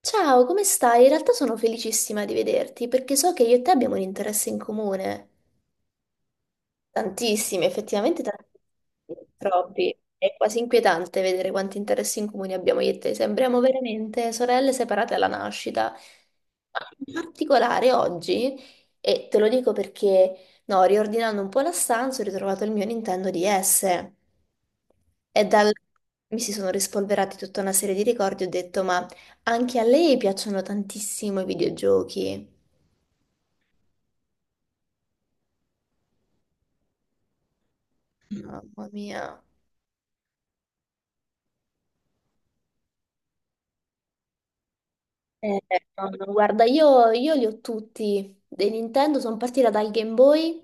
Ciao, come stai? In realtà sono felicissima di vederti perché so che io e te abbiamo un interesse in comune. Tantissimi, effettivamente tantissimi, troppi. È quasi inquietante vedere quanti interessi in comune abbiamo io e te. Sembriamo veramente sorelle separate alla nascita. In particolare oggi, e te lo dico perché, no, riordinando un po' la stanza, ho ritrovato il mio Nintendo DS. E dal... Mi si sono rispolverati tutta una serie di ricordi. Ho detto, ma anche a lei piacciono tantissimo i videogiochi. Mamma mia. Eh, no, no, guarda, io li ho tutti. Dei Nintendo sono partita dal Game Boy.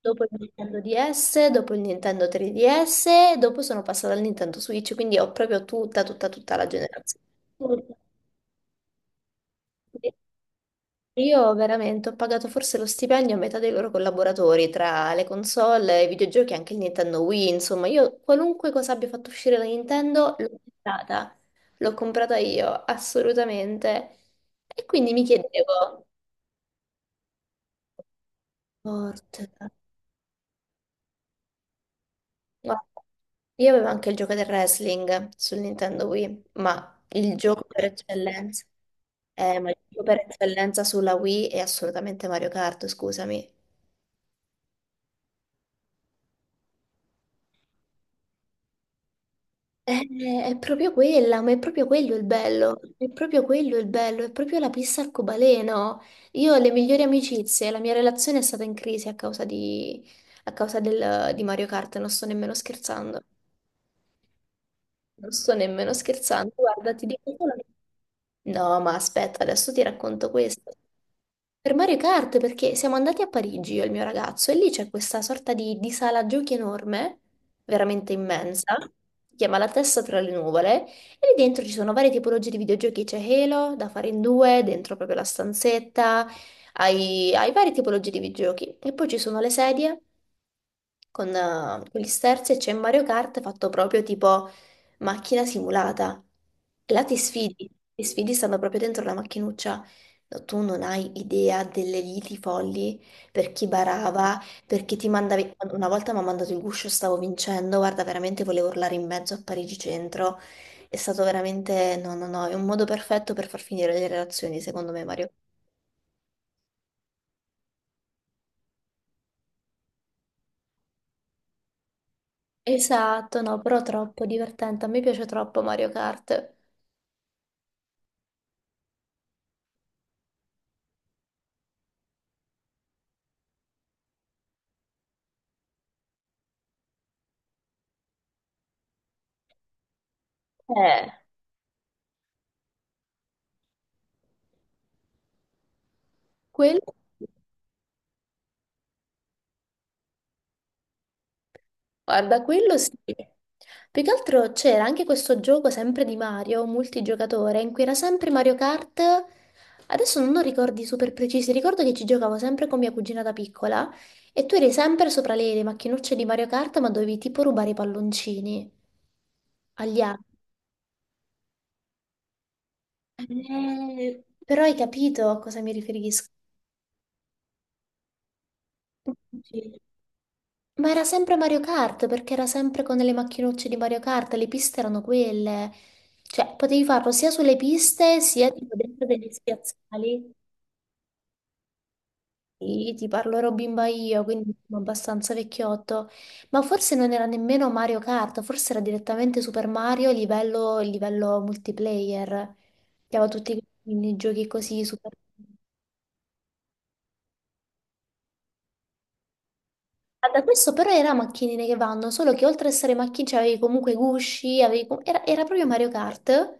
Dopo il Nintendo DS, dopo il Nintendo 3DS, dopo sono passata al Nintendo Switch, quindi ho proprio tutta, tutta, tutta la generazione. Tutta. Io veramente ho pagato forse lo stipendio a metà dei loro collaboratori, tra le console, i videogiochi e anche il Nintendo Wii, insomma, io qualunque cosa abbia fatto uscire la Nintendo l'ho comprata io, assolutamente. E quindi mi chiedevo, porca. Guarda, io avevo anche il gioco del wrestling sul Nintendo Wii, ma il gioco per eccellenza sulla Wii è assolutamente Mario Kart, scusami. È proprio quella, ma è proprio quello il bello, è proprio quello il bello, è proprio la pista arcobaleno. Io ho le migliori amicizie, la mia relazione è stata in crisi a causa di, a causa del- di Mario Kart, non sto nemmeno scherzando. Non sto nemmeno scherzando, guarda, ti dico solo... No, ma aspetta, adesso ti racconto questo. Per Mario Kart, perché siamo andati a Parigi io e il mio ragazzo e lì c'è questa sorta di sala giochi enorme, veramente immensa, si chiama La testa tra le nuvole, e lì dentro ci sono varie tipologie di videogiochi, c'è Halo da fare in due, dentro proprio la stanzetta, hai varie tipologie di videogiochi e poi ci sono le sedie con gli sterzi e c'è Mario Kart fatto proprio tipo macchina simulata. E là ti sfidi stando proprio dentro la macchinuzza. No, tu non hai idea delle liti folli per chi barava, per chi ti mandavi. Una volta mi ha mandato il guscio, stavo vincendo, guarda, veramente volevo urlare in mezzo a Parigi Centro. È stato veramente, no, no, no, è un modo perfetto per far finire le relazioni, secondo me, Mario. Esatto, no, però troppo divertente. A me piace troppo Mario Kart. Eh. Quello, guarda, quello sì. Più che altro c'era anche questo gioco sempre di Mario, multigiocatore, in cui era sempre Mario Kart. Adesso non ho ricordi super precisi, ricordo che ci giocavo sempre con mia cugina da piccola e tu eri sempre sopra le macchinocce di Mario Kart, ma dovevi tipo rubare i palloncini agli altri. Però hai capito a cosa mi riferisco? Sì. Ma era sempre Mario Kart perché era sempre con le macchinucce di Mario Kart, le piste erano quelle. Cioè, potevi farlo sia sulle piste sia tipo dentro degli spiazzali. Sì, ti parlo ero bimba io, quindi insomma, abbastanza vecchiotto. Ma forse non era nemmeno Mario Kart, forse era direttamente Super Mario livello multiplayer. Che aveva tutti i giochi così super. Ah, da questo però era macchinine che vanno, solo che oltre a essere macchine, cioè, avevi comunque gusci, era proprio Mario Kart.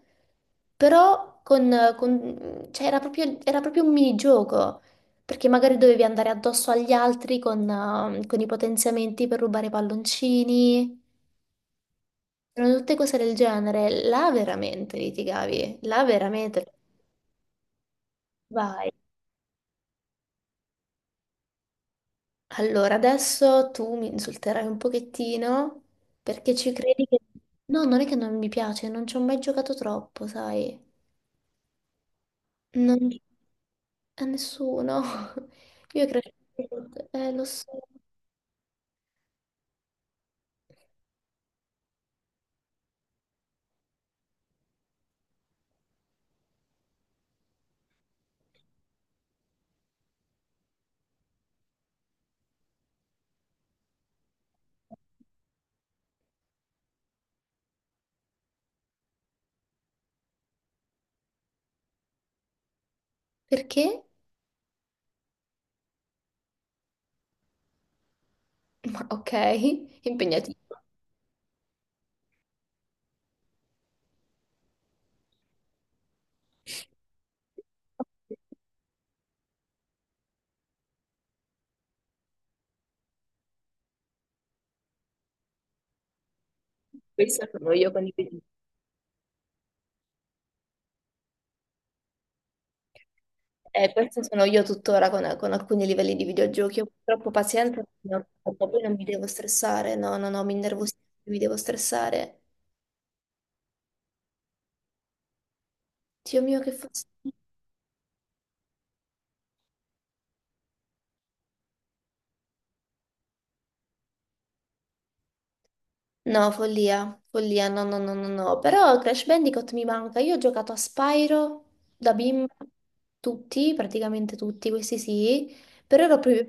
però con, cioè, era proprio un minigioco, perché magari dovevi andare addosso agli altri con i potenziamenti per rubare i palloncini, erano tutte cose del genere. Là veramente litigavi, là veramente vai. Allora, adesso tu mi insulterai un pochettino perché ci credi che... No, non è che non mi piace, non ci ho mai giocato troppo, sai. Non... A nessuno. Io credo... lo so. Perché? Ok, impegnativo. Questa sono io con i video- Questa sono io tuttora con alcuni livelli di videogiochi. Io purtroppo pazienza, ne ho troppa, poi non mi devo stressare. No, no, no, mi innervosisco, mi devo stressare. Dio mio, che fastidio. No, follia, follia, no, no, no, no, no. Però Crash Bandicoot mi manca. Io ho giocato a Spyro da bimba, tutti, praticamente tutti, questi sì. Però ero proprio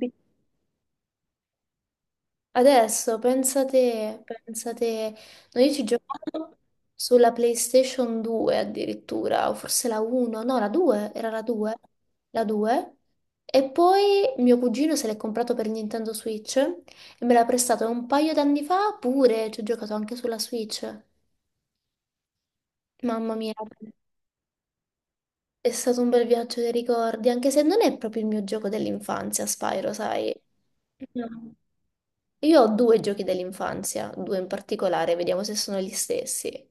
Adesso, pensate, pensate, noi ci giocavamo sulla PlayStation 2 addirittura, o forse la 1, no, la 2, era la 2, la 2. E poi mio cugino se l'è comprato per Nintendo Switch e me l'ha prestato un paio d'anni fa pure, ci ho giocato anche sulla Switch. Mamma mia, è stato un bel viaggio dei ricordi, anche se non è proprio il mio gioco dell'infanzia, Spyro, sai? No. Io ho due giochi dell'infanzia, due in particolare, vediamo se sono gli stessi.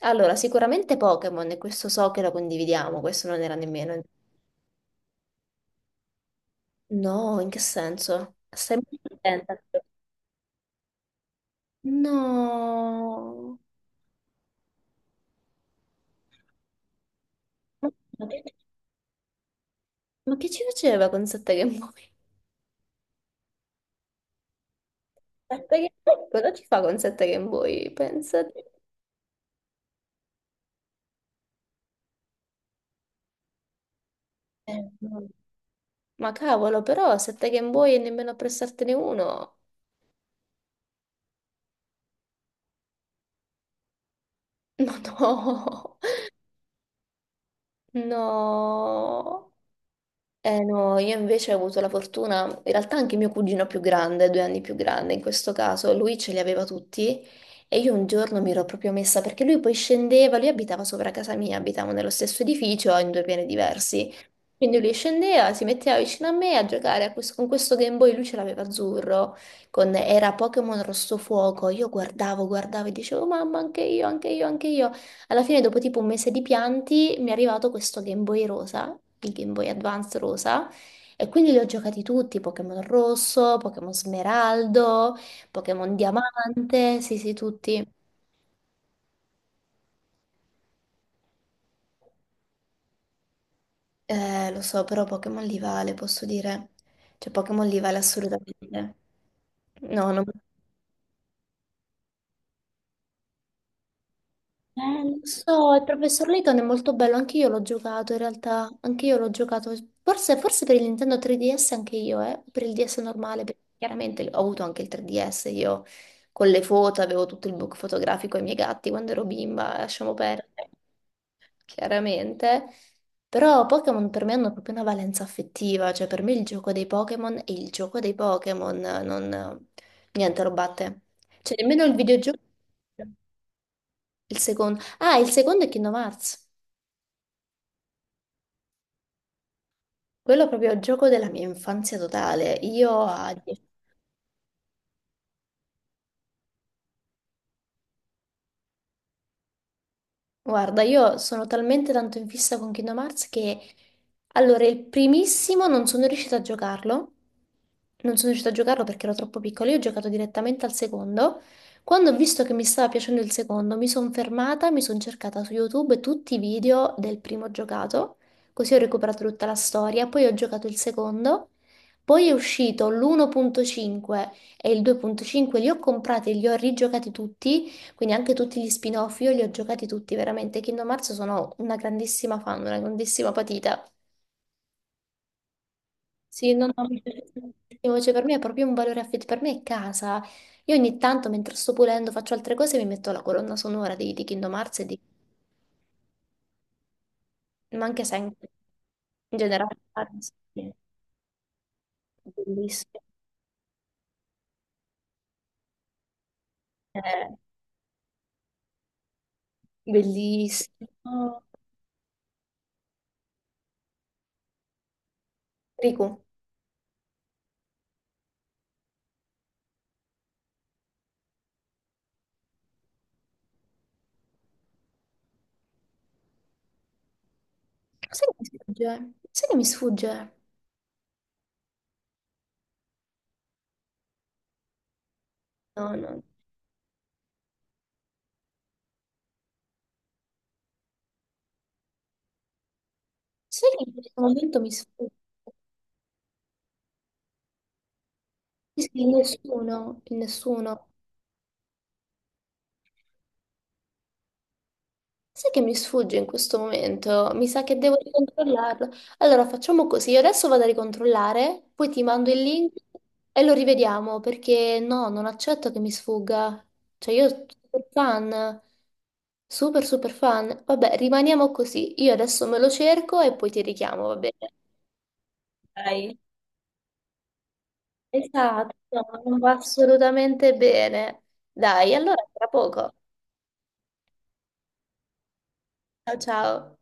Allora, sicuramente Pokémon, e questo so che lo condividiamo, questo non era nemmeno... No, in che senso? Stai molto attenta. No. Ma che, ma che ci faceva con sette Game Boy? Sette Game Boy? Cosa ci fa con sette Game Boy? Pensate. No. Ma cavolo, però sette Game Boy e nemmeno a prestartene uno. Ma no. No. Eh no, io invece ho avuto la fortuna, in realtà anche mio cugino più grande, 2 anni più grande in questo caso, lui ce li aveva tutti e io un giorno mi ero proprio messa perché lui poi scendeva, lui abitava sopra casa mia, abitavamo nello stesso edificio in due piani diversi quindi lui scendeva, si metteva vicino a me a giocare a con questo Game Boy, lui ce l'aveva azzurro, era Pokémon Rosso Fuoco, io guardavo e dicevo mamma anche io, anche io, anche io. Alla fine dopo tipo un mese di pianti mi è arrivato questo Game Boy rosa, il Game Boy Advance rosa, e quindi li ho giocati tutti, Pokémon Rosso, Pokémon Smeraldo, Pokémon Diamante, sì sì tutti. Lo so, però Pokémon li vale, posso dire. Cioè, Pokémon li vale assolutamente. No, non... Lo so, il professor Layton è molto bello, anche io l'ho giocato, forse per il Nintendo 3DS anche io, per il DS normale, perché chiaramente ho avuto anche il 3DS, io con le foto avevo tutto il book fotografico ai miei gatti quando ero bimba, lasciamo perdere. Chiaramente. Però Pokémon per me hanno proprio una valenza affettiva, cioè per me il gioco dei Pokémon è il gioco dei Pokémon, non... niente lo batte. Cioè nemmeno il videogioco, il secondo. Ah, il secondo è Kingdom Hearts, quello è proprio il gioco della mia infanzia totale. Io a Guarda, io sono talmente tanto in fissa con Kingdom Hearts che allora il primissimo non sono riuscita a giocarlo, non sono riuscita a giocarlo perché ero troppo piccola, io ho giocato direttamente al secondo. Quando ho visto che mi stava piacendo il secondo, mi sono fermata, mi sono cercata su YouTube tutti i video del primo giocato, così ho recuperato tutta la storia, poi ho giocato il secondo, poi è uscito l'1.5 e il 2.5, li ho comprati e li ho rigiocati tutti quindi anche tutti gli spin-off, io li ho giocati tutti, veramente. Kingdom Hearts sono una grandissima fan, una grandissima patita. Sì, no, no, mi piace tantissimo, cioè per me è proprio un valore affettivo, per me è casa. Io ogni tanto, mentre sto pulendo, faccio altre cose, mi metto la colonna sonora di Kingdom Hearts, e di... ma anche sempre, in generale. Sì. Bellissimo. Eh, Bellissimo. Riku, sai che mi sfugge? Sai che mi sfugge? No, no. Sai che in questo momento mi sfugge? Sì, sì, nessuno, in nessuno. Sai che mi sfugge in questo momento? Mi sa che devo ricontrollarlo. Allora facciamo così, io adesso vado a ricontrollare, poi ti mando il link e lo rivediamo perché no, non accetto che mi sfugga. Cioè io sono super fan, super super fan. Vabbè, rimaniamo così. Io adesso me lo cerco e poi ti richiamo, va bene? Dai. Esatto, no, non va assolutamente bene. Dai, allora tra poco. Ciao ciao.